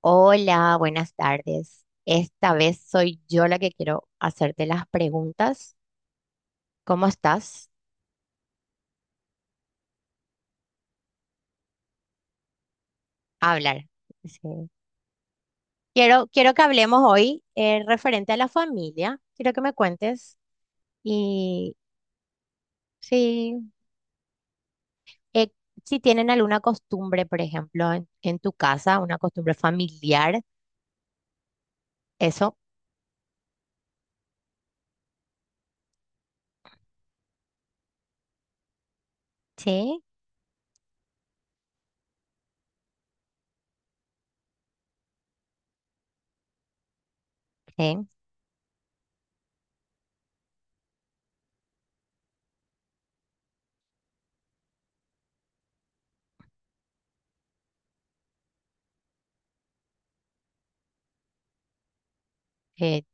Hola, buenas tardes. Esta vez soy yo la que quiero hacerte las preguntas. ¿Cómo estás? A hablar. Sí. Quiero que hablemos hoy referente a la familia. Quiero que me cuentes y sí, eh, si tienen alguna costumbre, por ejemplo, en tu casa, una costumbre familiar, eso. Sí, sí, sí,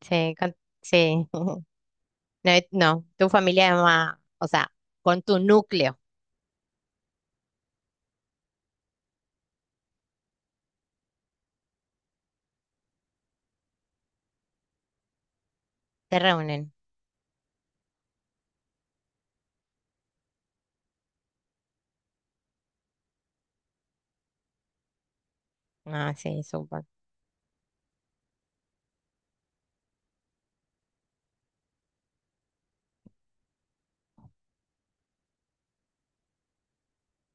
sí. Sí. No, no, tu familia es más, o sea, con tu núcleo te reúnen. Ah, sí, súper.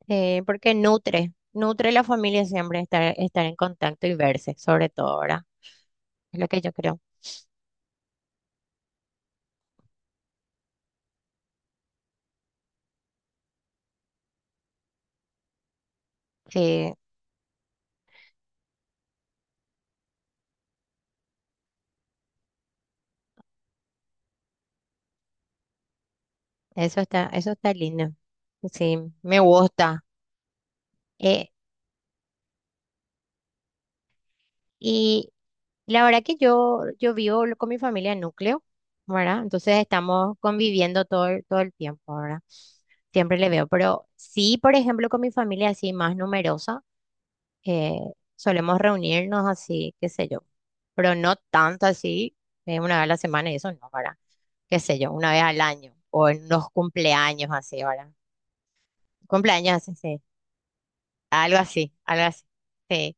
Sí, porque nutre, nutre a la familia siempre estar, estar en contacto y verse, sobre todo ahora. Es lo que yo creo. Sí, eso está lindo. Sí, me gusta. Eh, y la verdad que yo vivo con mi familia en núcleo, ¿verdad? Entonces estamos conviviendo todo el tiempo, ¿verdad? Siempre le veo. Pero sí, por ejemplo, con mi familia así más numerosa. eh, Solemos reunirnos así, qué sé yo, pero no tanto así, una vez a la semana y eso no, ¿verdad? Qué sé yo, una vez al año o en los cumpleaños así, ¿verdad? Cumpleaños así, sí, algo así, sí.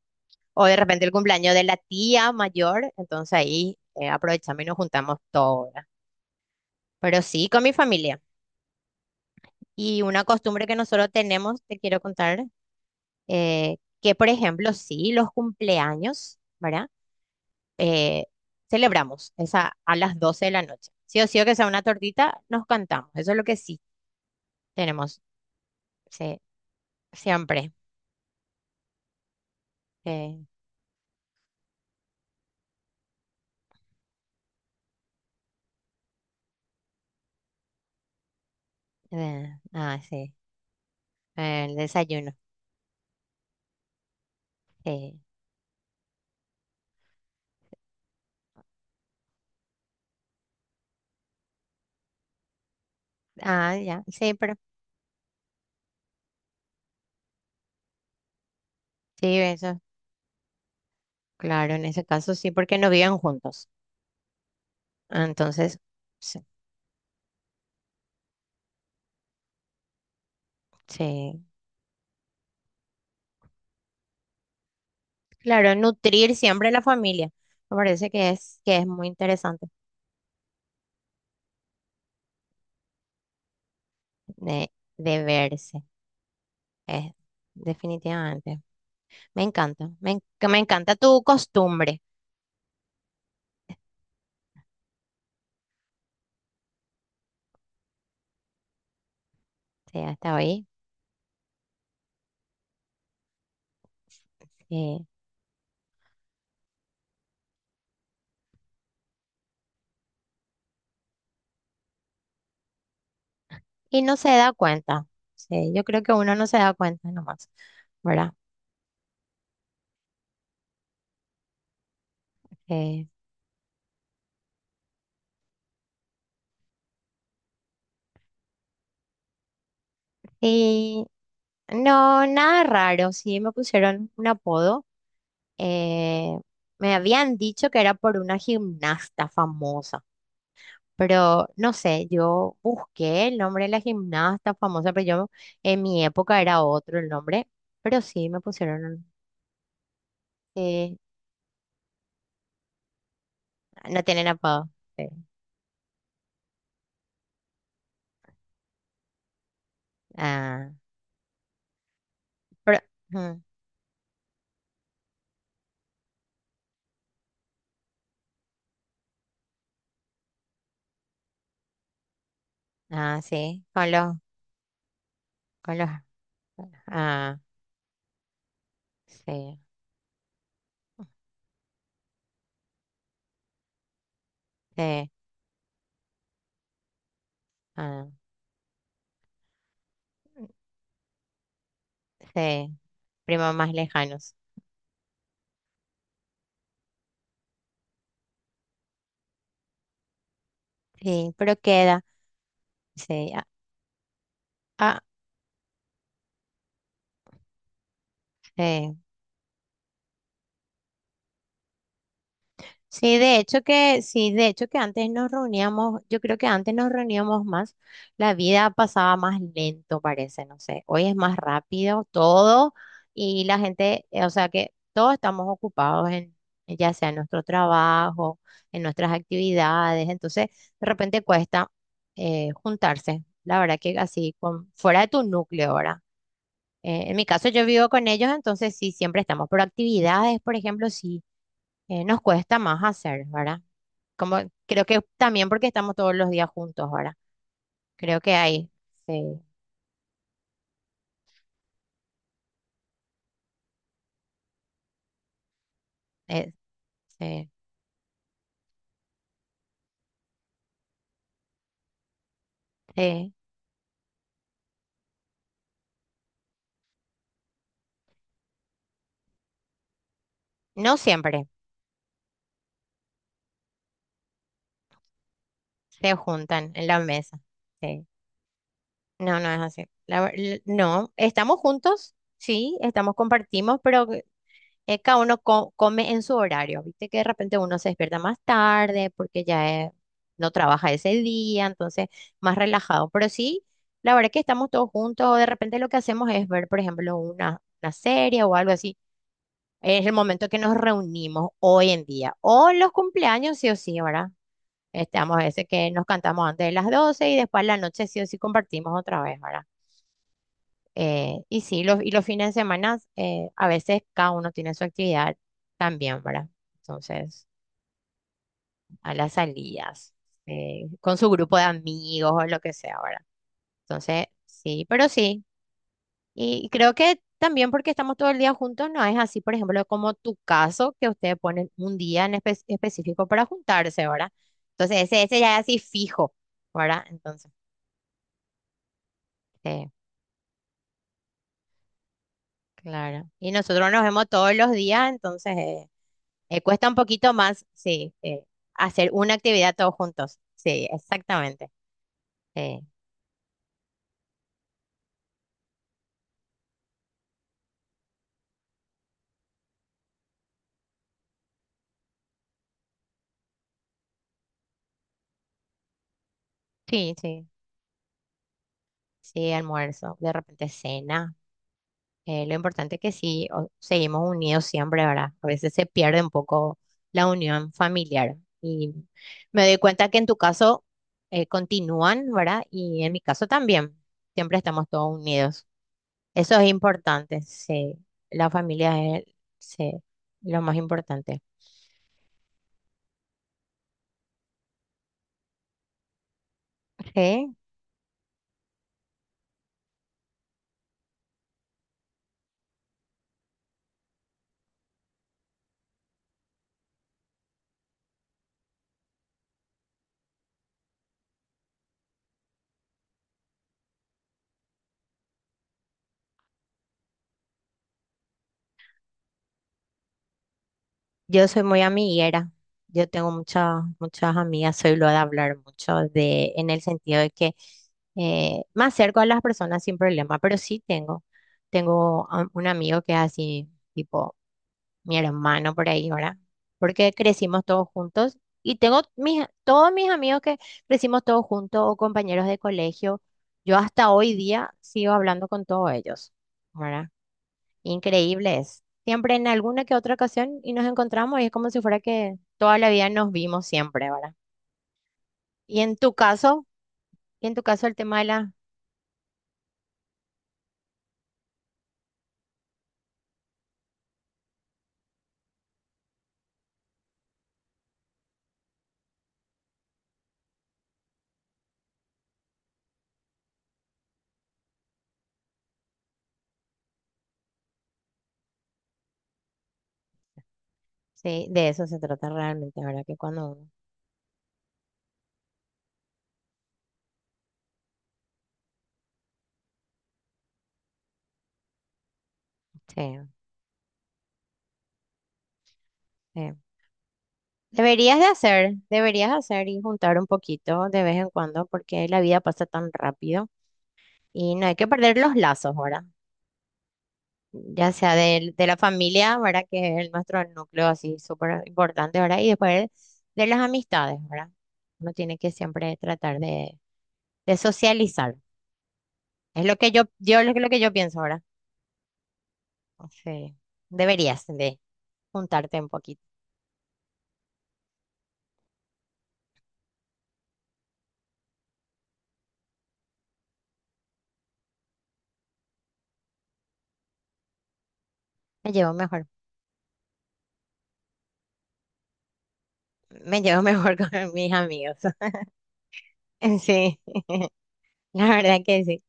O de repente el cumpleaños de la tía mayor, entonces ahí aprovechamos y nos juntamos todos, ¿verdad? Pero sí, con mi familia. Y una costumbre que nosotros tenemos, te quiero contar, que por ejemplo, sí, los cumpleaños, ¿verdad? eh, Celebramos esa a las 12 de la noche. Sí o sí o que sea una tortita, nos cantamos. Eso es lo que sí tenemos, sí, siempre. eh, sí, el desayuno. Sí. Ah, ya, sí, pero sí, eso, claro, en ese caso sí, porque no viven juntos. Entonces, sí, sí. Claro, nutrir siempre la familia. Me parece que es muy interesante de, de verse, eh, definitivamente. Me encanta, me, en- que me encanta tu costumbre. Sí, hasta hoy. Sí. Y no se da cuenta. Sí, yo creo que uno no se da cuenta nomás, ¿verdad? Eh, y no, nada raro. Sí, me pusieron un apodo. eh, Me habían dicho que era por una gimnasta famosa, pero no sé, yo busqué el nombre de la gimnasta famosa, pero yo en mi época era otro el nombre, pero sí me pusieron, eh, no tienen apodo. Sí. Ah, pero- ujú. Ah, sí, con los, ah, sí, sí, ah, sí, primos más lejanos. Sí, pero queda, sí, ah, ah, sí. Sí, de hecho que, sí, de hecho que antes nos reuníamos, yo creo que antes nos reuníamos más, la vida pasaba más lento, parece, no sé. Hoy es más rápido todo y la gente, o sea que todos estamos ocupados en, ya sea en nuestro trabajo, en nuestras actividades, entonces de repente cuesta juntarse, la verdad que así, con, fuera de tu núcleo ahora. En mi caso yo vivo con ellos, entonces sí, siempre estamos, pero actividades, por ejemplo, sí, nos cuesta más hacer, ¿verdad? Como, creo que también porque estamos todos los días juntos ahora. Creo que hay sí eh, sí se- no siempre se juntan en la mesa. Sí. No, no es así. No, estamos juntos, sí, estamos, compartimos, pero cada uno come en su horario. Viste que de repente uno se despierta más tarde porque ya no trabaja ese día, entonces más relajado. Pero sí, la verdad que estamos todos juntos. De repente lo que hacemos es ver, por ejemplo, una serie o algo así. Es el momento que nos reunimos hoy en día. O los cumpleaños, sí o sí, ¿verdad? Estamos ese que nos cantamos antes de las 12 y después en la noche sí o sí compartimos otra vez, ¿verdad? Y sí, y los fines de semana, a veces cada uno tiene su actividad también, ¿verdad? Entonces, a las salidas, con su grupo de amigos o lo que sea, ¿verdad? Entonces, sí, pero sí, y creo que también porque estamos todo el día juntos, no es así, por ejemplo, como tu caso, que ustedes ponen un día en específico para juntarse, ¿verdad? Entonces, ese ya es así fijo, ¿verdad? Entonces, eh, claro. Y nosotros nos vemos todos los días, entonces cuesta un poquito más, sí, hacer una actividad todos juntos. Sí, exactamente. Eh, sí, sí, sí, almuerzo, de repente cena. Lo importante es que seguimos unidos siempre, ¿verdad? A veces se pierde un poco la unión familiar. Y me doy cuenta que en tu caso continúan, ¿verdad? Y en mi caso también. Siempre estamos todos unidos. Eso es importante. Sí. La familia es sí, lo más importante. Yo soy muy amiguera. Yo tengo muchas, muchas amigas, soy lo de hablar mucho de, en el sentido de que me acerco a las personas sin problema, pero sí tengo, tengo un amigo que es así, tipo mi hermano por ahí, ¿verdad? Porque crecimos todos juntos y tengo mis, todos mis amigos que crecimos todos juntos o compañeros de colegio. Yo hasta hoy día sigo hablando con todos ellos, ¿verdad? Increíbles. Siempre en alguna que otra ocasión y nos encontramos y es como si fuera que toda la vida nos vimos siempre, ¿verdad? Y en tu caso, y en tu caso el tema de la... Sí, de eso se trata realmente, ¿verdad? Que cuando uno... Sí, sí. Deberías de hacer, deberías hacer y juntar un poquito de vez en cuando porque la vida pasa tan rápido y no hay que perder los lazos, ¿verdad? Ya sea de la familia, ¿verdad? Que es nuestro núcleo así súper importante, ¿verdad? Y después de las amistades, ¿verdad? Uno tiene que siempre tratar de socializar. Es lo que yo, lo que yo pienso ahora. O sea, deberías de juntarte un poquito. Me llevo mejor, me llevo mejor con mis amigos. Sí, la verdad que sí.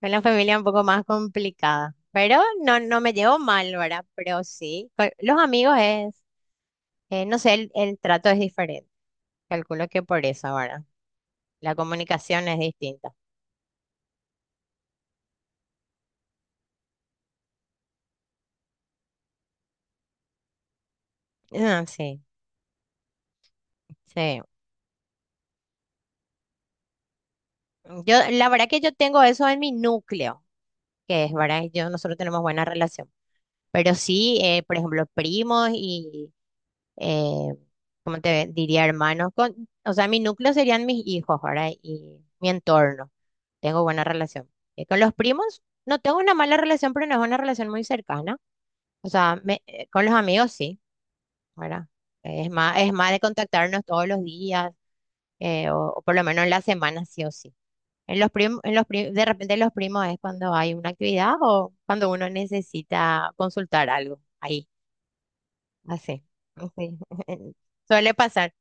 Con la familia es un poco más complicada. Pero no, no me llevo mal, ¿verdad? Pero sí, con los amigos es, no sé, el trato es diferente. Calculo que por eso ahora. La comunicación es distinta. Ah, sí, sí. Yo, la verdad que yo tengo eso en mi núcleo, que es, ¿verdad? Yo, nosotros tenemos buena relación. Pero sí, por ejemplo, primos y, eh, ¿cómo te diría, hermanos? Con, o sea, mi núcleo serían mis hijos, ¿verdad? Y mi entorno. Tengo buena relación. Con los primos, no tengo una mala relación, pero no es una relación muy cercana. O sea, con los amigos sí, ¿verdad? Es más de contactarnos todos los días o por lo menos en la semana sí o sí. En los prim- en los pri- De repente los primos es cuando hay una actividad o cuando uno necesita consultar algo. Ahí, así. Así. Suele pasar.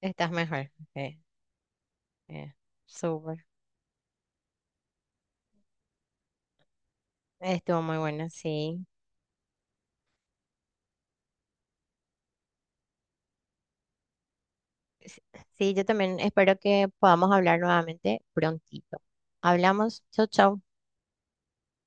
Estás mejor. Sí, eh, súper. Estuvo muy bueno, sí. S- Sí, yo también espero que podamos hablar nuevamente prontito. Hablamos. Chau, chau.